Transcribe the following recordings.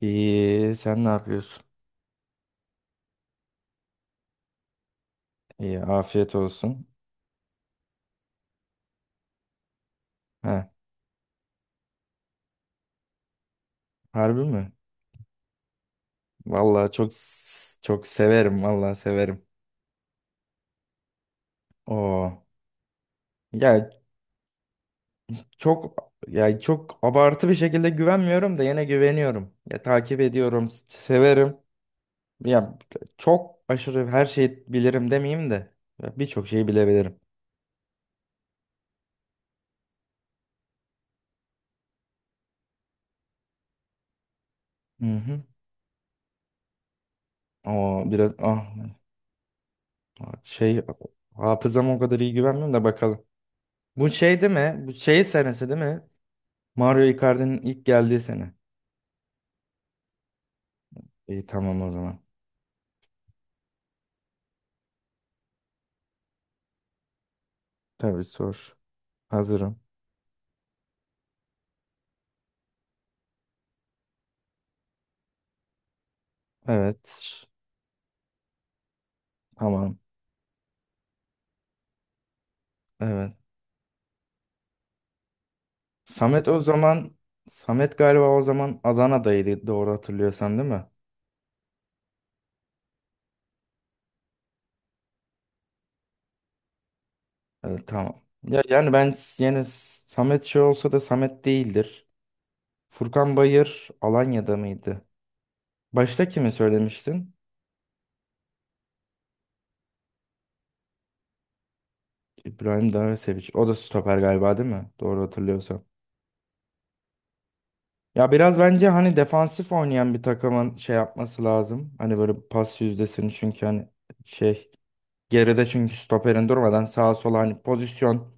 İyi, sen ne yapıyorsun? İyi, afiyet olsun. Ha, harbi mi? Vallahi çok çok severim, vallahi severim. Oo. Ya ya çok abartı bir şekilde güvenmiyorum da yine güveniyorum. Ya takip ediyorum, severim. Ya çok aşırı her şeyi bilirim demeyeyim de ya, birçok şeyi bilebilirim. Hı hı. Oo, biraz şey hafızama o kadar iyi güvenmiyorum da bakalım. Bu şey değil mi? Bu şey senesi değil mi? Mario Icardi'nin ilk geldiği sene. İyi tamam o zaman. Tabii sor. Hazırım. Evet. Tamam. Evet. Samet o zaman Samet galiba o zaman Adana'daydı doğru hatırlıyorsan değil mi? Evet tamam. Ya yani ben yine Samet şey olsa da Samet değildir. Furkan Bayır Alanya'da mıydı? Başta kimi söylemiştin? İbrahim Seviç. O da stoper galiba değil mi? Doğru hatırlıyorsam. Ya biraz bence hani defansif oynayan bir takımın şey yapması lazım. Hani böyle pas yüzdesini çünkü hani şey geride çünkü stoperin durmadan sağa sola hani pozisyon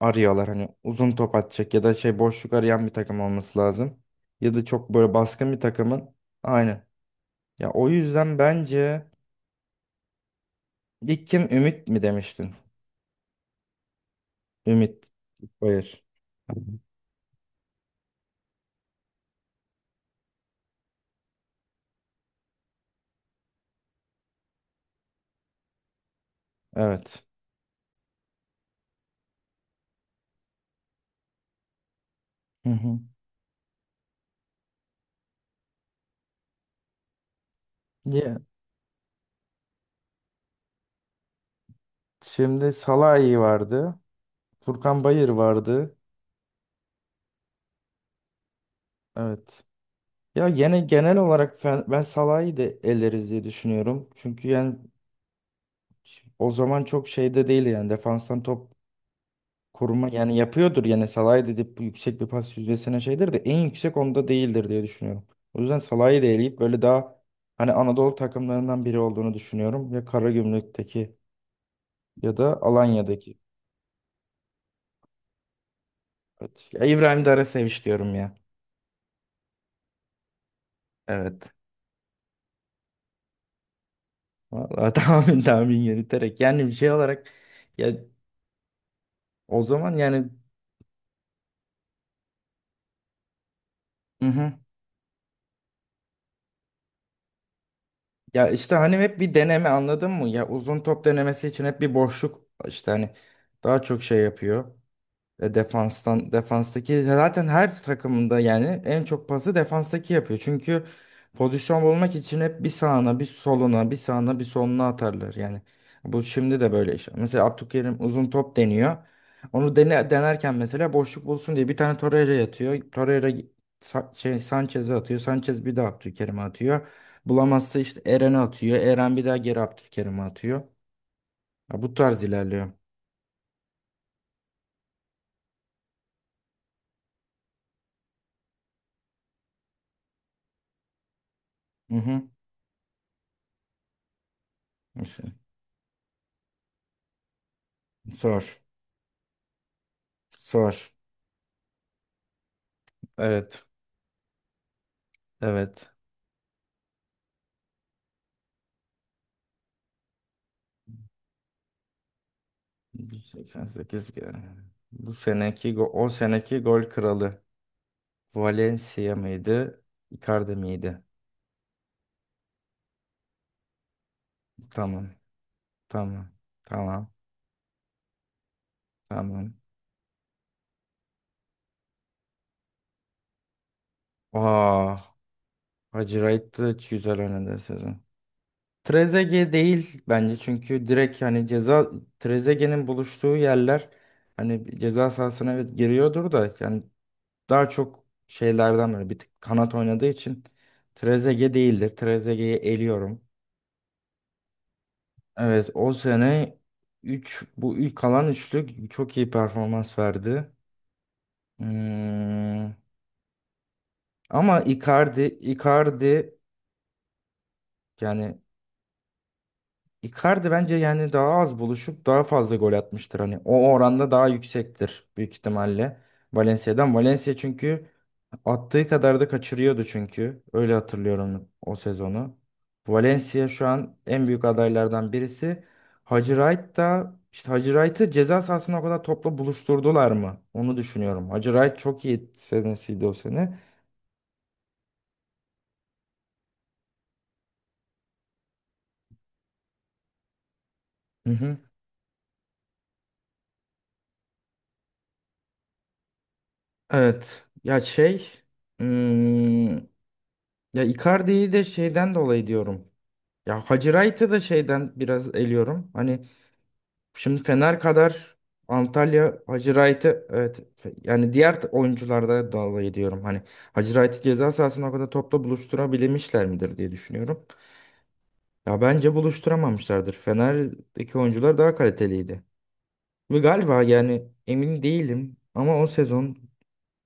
arıyorlar. Hani uzun top atacak ya da şey boşluk arayan bir takım olması lazım. Ya da çok böyle baskın bir takımın. Aynen. Ya o yüzden bence ilk kim Ümit mi demiştin? Ümit. Hayır. Evet. Hı hı. Ya, şimdi Salah iyi vardı. Furkan Bayır vardı. Evet. Ya gene genel olarak ben Salah'ı da eleriz diye düşünüyorum. Çünkü yani o zaman çok şeyde değil yani defanstan top koruma yani yapıyordur yani Salah'ı dedip yüksek bir pas yüzdesine şeydir de en yüksek onda değildir diye düşünüyorum. O yüzden Salah'ı da eleyip böyle daha hani Anadolu takımlarından biri olduğunu düşünüyorum. Ya Karagümrük'teki ya da Alanya'daki. Evet. Ya İbrahim Dar'a seviş diyorum ya. Evet. Vallahi tahmin tahmin yürüterek yani bir şey olarak ya o zaman yani. Ya işte hani hep bir deneme anladın mı? Ya uzun top denemesi için hep bir boşluk işte hani daha çok şey yapıyor. E, defanstaki zaten her takımında yani en çok pası defanstaki yapıyor. Çünkü pozisyon bulmak için hep bir sağına, bir soluna, bir sağına, bir soluna atarlar. Yani bu şimdi de böyle iş. Mesela Abdülkerim uzun top deniyor. Onu dene, denerken mesela boşluk bulsun diye bir tane Torreira yatıyor. Torreira Sanchez'e atıyor. Sanchez bir daha Abdülkerim'e atıyor. Bulamazsa işte Eren'e atıyor. Eren bir daha geri Abdülkerim'e atıyor. Ya bu tarz ilerliyor. Hı hı. İşte. Sor. Sor. Evet. Evet. 88 yani. Bu seneki o seneki gol kralı Valencia mıydı? Icardi miydi? Tamam. Tamam. Tamam. Tamam. Aa, Hacı Wright da güzel oynadı sezon. Trezeguet değil bence çünkü direkt hani ceza, Trezeguet'in buluştuğu yerler hani ceza sahasına evet giriyordur da yani daha çok şeylerden böyle bir tık kanat oynadığı için Trezeguet değildir. Trezeguet'i eliyorum. Evet o sene bu ilk kalan üçlük çok iyi performans verdi. Hmm, ama Icardi Icardi yani Icardi bence yani daha az buluşup daha fazla gol atmıştır hani o oranda daha yüksektir büyük ihtimalle Valencia'dan. Valencia çünkü attığı kadar da kaçırıyordu çünkü. Öyle hatırlıyorum o sezonu. Valencia şu an en büyük adaylardan birisi. Hacı Wright da işte Hacı Wright'ı ceza sahasına o kadar topla buluşturdular mı? Onu düşünüyorum. Hacı Wright çok iyi senesiydi o sene. Hı hı. Evet. Ya şey, hmm, ya Icardi'yi de şeyden dolayı diyorum. Ya Hacı Wright'ı da şeyden biraz eliyorum. Hani şimdi Fener kadar Antalya Hacı Wright'ı evet yani diğer oyuncularda dalga ediyorum. Hani Hacı Wright'ı ceza sahasına o kadar topla buluşturabilmişler midir diye düşünüyorum. Ya bence buluşturamamışlardır. Fener'deki oyuncular daha kaliteliydi. Ve galiba yani emin değilim ama o sezon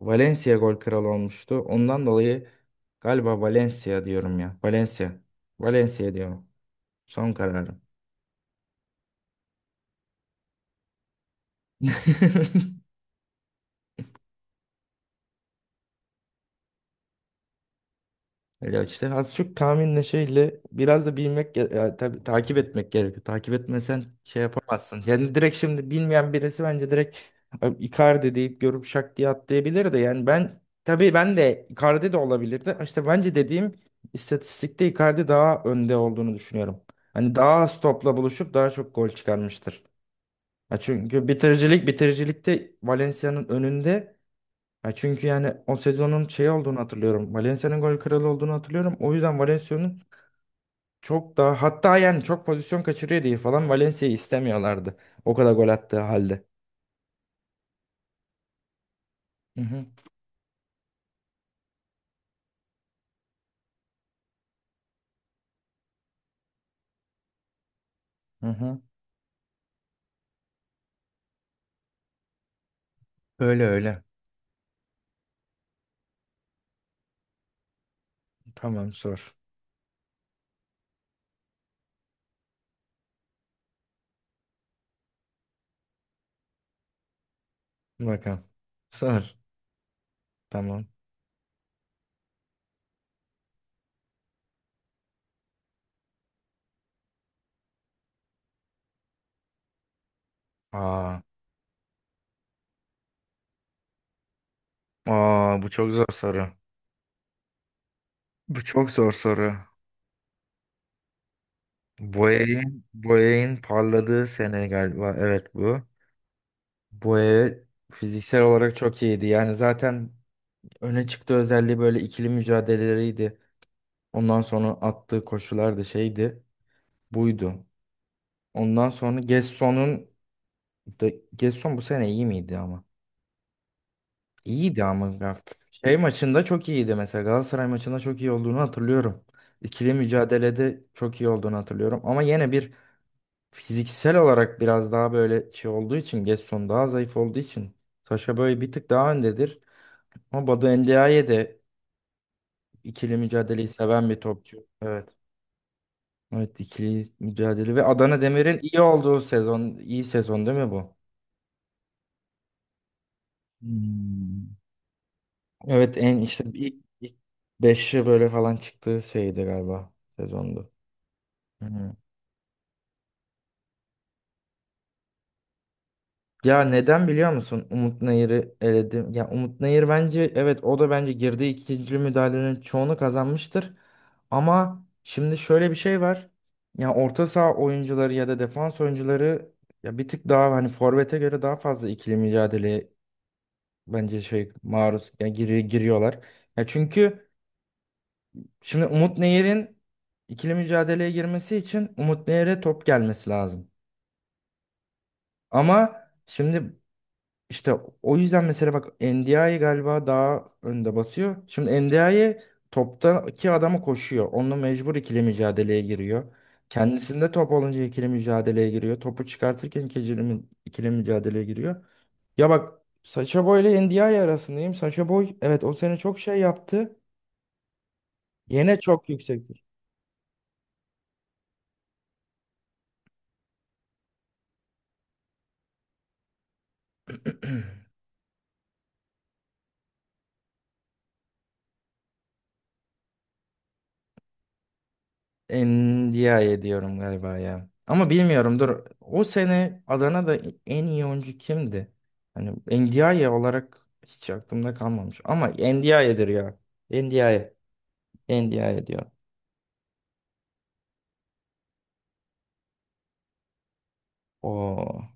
Valencia gol kralı olmuştu. Ondan dolayı galiba Valencia diyorum ya. Valencia. Valencia diyorum. Son kararım. Ya işte az çok tahminle şeyle biraz da bilmek ya tabii takip etmek gerekiyor. Takip etmesen şey yapamazsın. Yani direkt şimdi bilmeyen birisi bence direkt "Abi Icardi" deyip görüp şak diye atlayabilir de yani ben tabii, ben de Icardi de olabilirdi. İşte bence dediğim istatistikte Icardi daha önde olduğunu düşünüyorum. Hani daha az topla buluşup daha çok gol çıkarmıştır. Ya çünkü bitiricilikte Valencia'nın önünde, ya çünkü yani o sezonun şey olduğunu hatırlıyorum. Valencia'nın gol kralı olduğunu hatırlıyorum. O yüzden Valencia'nın çok daha, hatta yani çok pozisyon kaçırıyor diye falan Valencia'yı istemiyorlardı. O kadar gol attığı halde. Hı hı hı. Hı. Öyle öyle. Tamam sor. Bakalım. Sor. Tamam. Aa, aa bu çok zor soru. Bu çok zor soru. Boya'nın parladığı sene galiba. Evet bu. Boya fiziksel olarak çok iyiydi. Yani zaten öne çıktığı özelliği böyle ikili mücadeleleriydi. Ondan sonra attığı koşular da şeydi. Buydu. Ondan sonra Gesson'un da Gesson bu sene iyi miydi ama? İyiydi ama şey maçında çok iyiydi, mesela Galatasaray maçında çok iyi olduğunu hatırlıyorum. İkili mücadelede çok iyi olduğunu hatırlıyorum ama yine bir fiziksel olarak biraz daha böyle şey olduğu için, Gesson daha zayıf olduğu için Saşa böyle bir tık daha öndedir. Ama Badu Endiaye de ikili mücadeleyi seven bir topçu. Evet. Evet ikili mücadele ve Adana Demir'in iyi olduğu sezon, iyi sezon değil mi bu? Hmm. Evet en işte ilk beşi böyle falan çıktığı şeydi galiba sezondu. Hı. Ya neden biliyor musun? Umut Nayır'ı eledim. Ya Umut Nayır bence evet o da bence girdiği ikinci müdahalenin çoğunu kazanmıştır. Ama şimdi şöyle bir şey var. Ya orta saha oyuncuları ya da defans oyuncuları ya bir tık daha hani forvete göre daha fazla ikili mücadele bence şey maruz yani giriyorlar. Ya çünkü şimdi Umut Nehir'in ikili mücadeleye girmesi için Umut Nehir'e top gelmesi lazım. Ama şimdi işte o yüzden mesela bak NDI galiba daha önde basıyor. Şimdi NDI toptaki adama koşuyor. Onunla mecbur ikili mücadeleye giriyor. Kendisinde top olunca ikili mücadeleye giriyor. Topu çıkartırken ikili mücadeleye giriyor. Ya bak Sacha Boy ile NDI arasındayım. Sacha Boy evet o sene çok şey yaptı. Yine çok yüksektir. Endiaye diyorum galiba ya. Ama bilmiyorum dur. O sene Adana'da en iyi oyuncu kimdi? Hani Endiaye olarak hiç aklımda kalmamış. Ama Endiaye'dir ya. Endiaye. Endiaye diyor. Oo.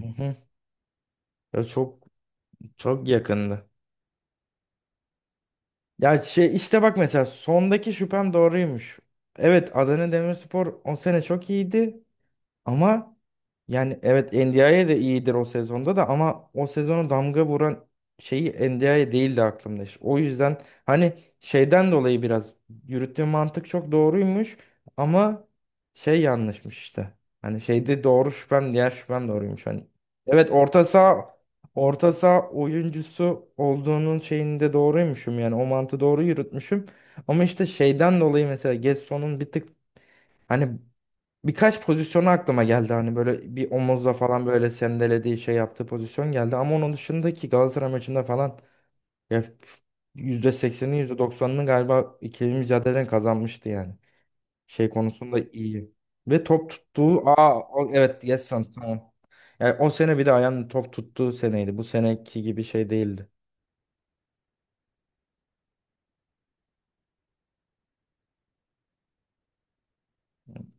Hı hı. Ya çok çok yakındı. Ya şey işte bak mesela sondaki şüphem doğruymuş. Evet Adana Demirspor o sene çok iyiydi. Ama yani evet NDI'ye de iyidir o sezonda da, ama o sezonu damga vuran şeyi NDI'ye değildi aklımda işte. O yüzden hani şeyden dolayı biraz yürüttüğüm mantık çok doğruymuş ama şey yanlışmış işte. Hani şeyde doğru şüphem, diğer şüphem doğruymuş hani. Evet orta saha oyuncusu olduğunun şeyinde doğruymuşum, yani o mantığı doğru yürütmüşüm. Ama işte şeyden dolayı mesela Gesson'un bir tık hani birkaç pozisyonu aklıma geldi, hani böyle bir omuzla falan böyle sendelediği şey yaptığı pozisyon geldi. Ama onun dışındaki Galatasaray maçında falan ya yüzde %90'ını galiba ikili mücadeleden kazanmıştı yani. Şey konusunda iyi. Ve top tuttuğu, evet Gerson tamam. Yani o sene bir de ayağın top tuttuğu seneydi. Bu seneki gibi şey değildi.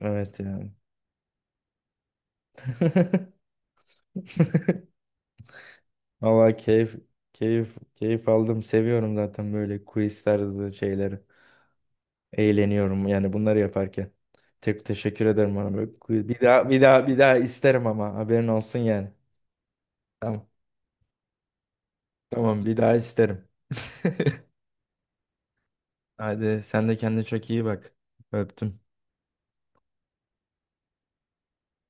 Evet yani. Vallahi keyif keyif keyif aldım. Seviyorum zaten böyle quiz tarzı şeyleri. Eğleniyorum yani bunları yaparken. Çok teşekkür ederim bana böyle. Bir daha bir daha bir daha isterim ama haberin olsun yani. Tamam. Tamam bir daha isterim. Hadi sen de kendine çok iyi bak. Öptüm.